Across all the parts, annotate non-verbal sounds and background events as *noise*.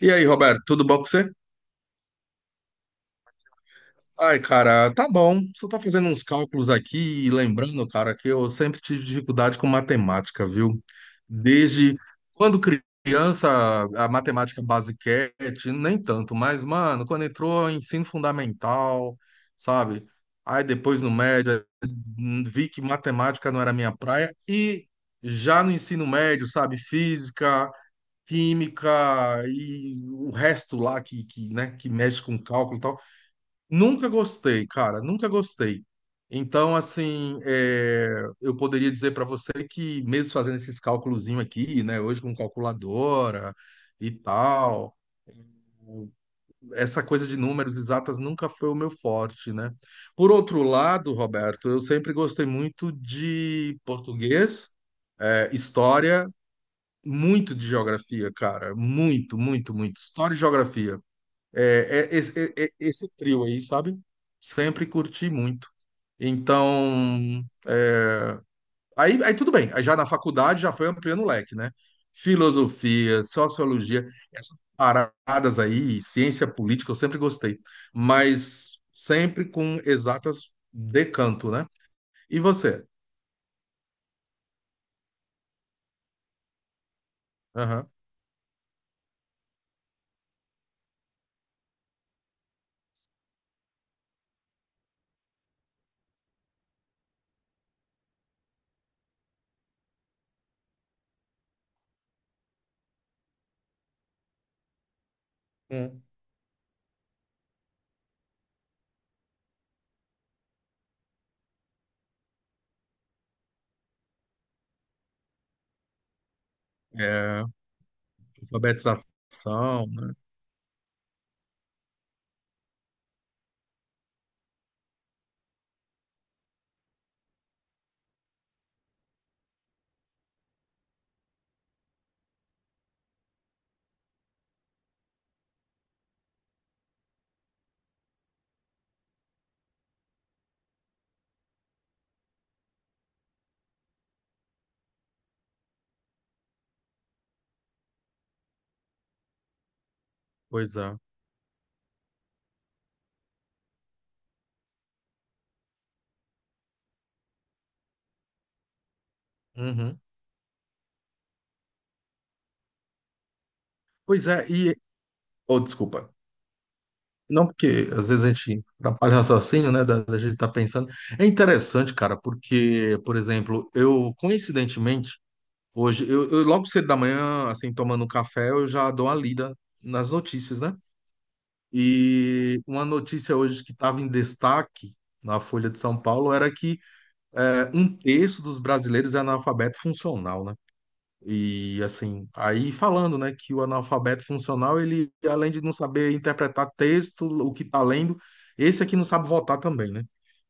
E aí, Roberto, tudo bom com você? Ai, cara, tá bom. Só tô fazendo uns cálculos aqui e lembrando, cara, que eu sempre tive dificuldade com matemática, viu? Desde quando criança, a matemática basiquete, nem tanto, mas, mano, quando entrou em ensino fundamental, sabe? Aí depois no médio, vi que matemática não era minha praia e já no ensino médio, sabe, física, química e o resto lá que, né, que mexe com cálculo e tal. Nunca gostei, cara, nunca gostei. Então, assim, eu poderia dizer para você que, mesmo fazendo esses cálculozinho aqui, né, hoje com calculadora e tal, essa coisa de números exatas nunca foi o meu forte, né? Por outro lado, Roberto, eu sempre gostei muito de português, história muito de geografia, cara. Muito, muito, muito. História e geografia. É, é esse trio aí, sabe? Sempre curti muito. Então, aí tudo bem, aí já na faculdade já foi ampliando o leque, né? Filosofia, sociologia, essas paradas aí, ciência política, eu sempre gostei, mas sempre com exatas decanto, né? E você? Aham. Hum. É, alfabetização, né? Coisa. Uhum. Pois é. Oh, desculpa. Não, porque às vezes a gente atrapalha o raciocínio, né? Da gente estar pensando. É interessante, cara, porque, por exemplo, eu, coincidentemente, hoje, eu logo cedo da manhã, assim, tomando um café, eu já dou uma lida nas notícias, né? E uma notícia hoje que estava em destaque na Folha de São Paulo era que um terço dos brasileiros é analfabeto funcional, né? E assim, aí falando, né, que o analfabeto funcional, ele além de não saber interpretar texto, o que está lendo, esse aqui não sabe votar também, né?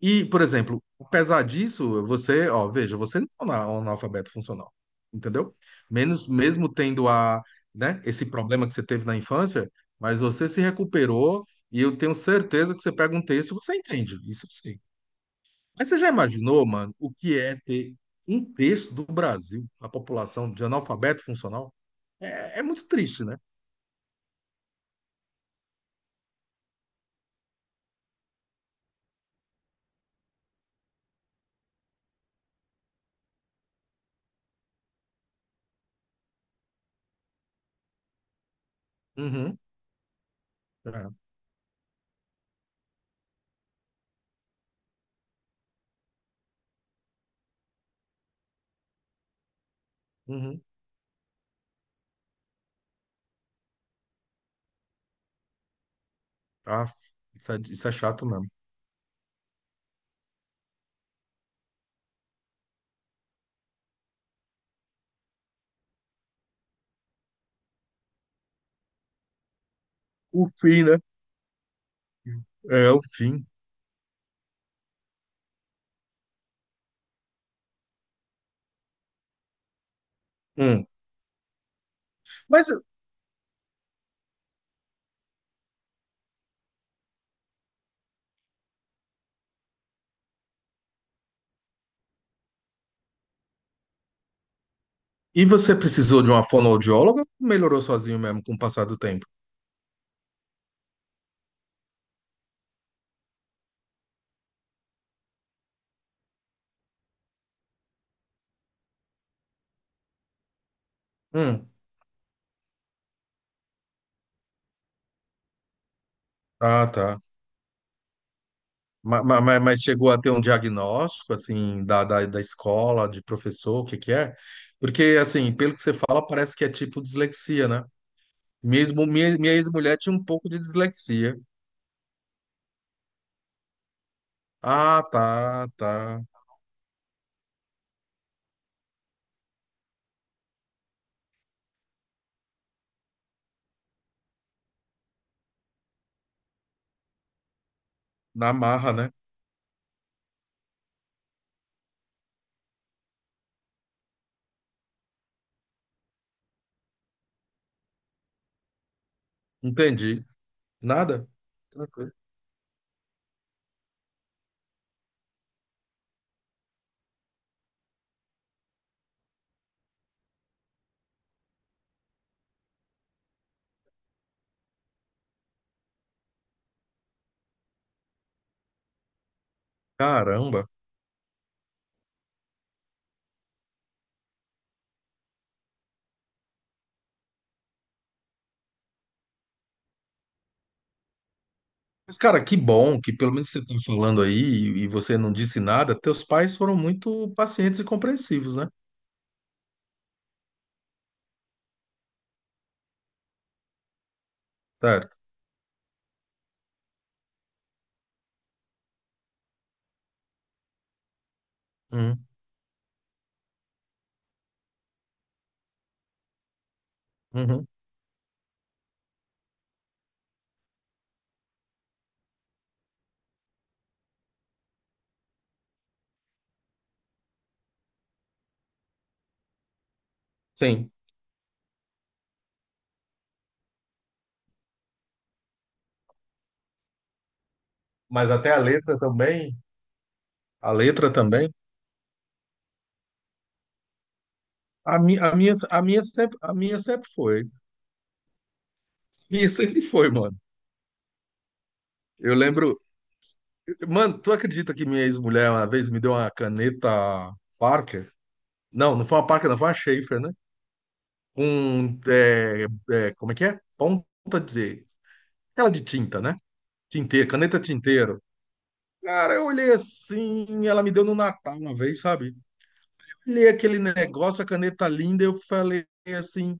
E, por exemplo, apesar disso, você, ó, veja, você não é um analfabeto funcional, entendeu? Menos, mesmo tendo a, né, esse problema que você teve na infância, mas você se recuperou e eu tenho certeza que você pega um texto e você entende, isso sim. Mas você já imaginou, mano, o que é ter um terço do Brasil, a população de analfabeto funcional? É, é muito triste, né? Uhum, é, uhum. Ah, isso é chato mesmo. O fim, né? É o fim. Hum. Mas e você precisou de uma fonoaudióloga? Melhorou sozinho mesmo com o passar do tempo? Hum. Ah, tá. Mas chegou a ter um diagnóstico, assim, da escola, de professor, o que que é? Porque, assim, pelo que você fala, parece que é tipo dislexia, né? Mesmo, minha ex-mulher tinha um pouco de dislexia. Ah, tá, tá. Na marra, né? Entendi. Nada? Tranquilo. Caramba. Mas, cara, que bom que pelo menos você tá falando aí e você não disse nada. Teus pais foram muito pacientes e compreensivos, né? Certo. Uhum. Uhum. Sim. Mas até a letra também. A letra também. A minha sempre foi. A minha *laughs* sempre foi, mano. Eu lembro. Mano, tu acredita que minha ex-mulher uma vez me deu uma caneta Parker? Não, não foi uma Parker, não, foi uma Schaefer, né? Com, como é que é? Ponta de... Aquela de tinta, né? Tinteiro, caneta tinteiro. Cara, eu olhei assim, ela me deu no Natal uma vez, sabe? Olhei aquele negócio, a caneta linda, eu falei assim,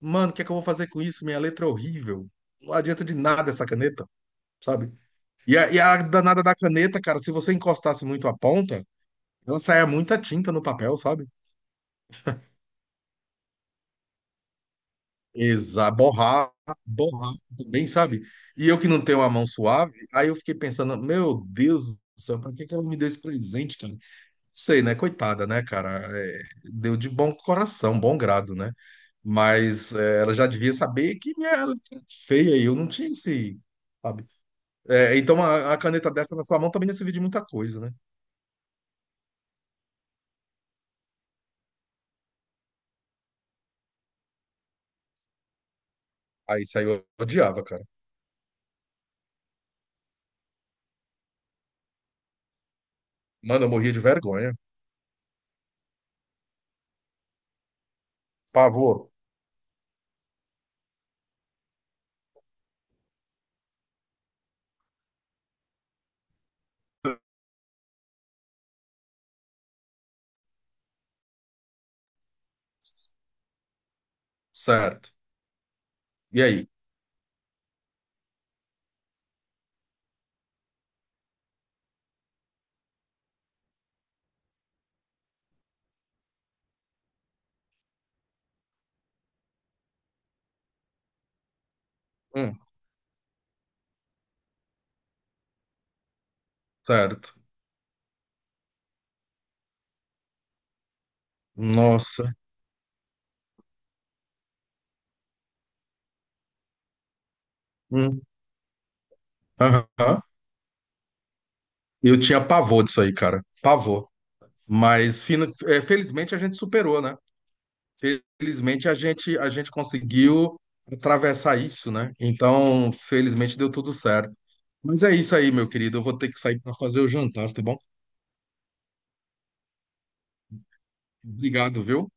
mano, o que é que eu vou fazer com isso? Minha letra é horrível. Não adianta de nada essa caneta, sabe? E a danada da caneta, cara, se você encostasse muito a ponta, ela saía muita tinta no papel, sabe? Exa, borrar, borrar, também, sabe? E eu que não tenho a mão suave, aí eu fiquei pensando, meu Deus do céu, pra que que ela me deu esse presente, cara? Sei, né? Coitada, né, cara? É, deu de bom coração, bom grado, né? Mas ela já devia saber que minha ela era feia e eu não tinha esse, sabe? É, então a caneta dessa na sua mão também não servia de muita coisa, né? Aí isso aí eu odiava, cara. Mano, eu morria de vergonha. Pavor. Certo. E aí? Hum. Certo. Nossa. Hum. Aham. Eu tinha pavor disso aí, cara. Pavor. Mas felizmente a gente superou, né? Felizmente a gente conseguiu atravessar isso, né? Então, felizmente deu tudo certo. Mas é isso aí, meu querido. Eu vou ter que sair para fazer o jantar, tá bom? Obrigado, viu?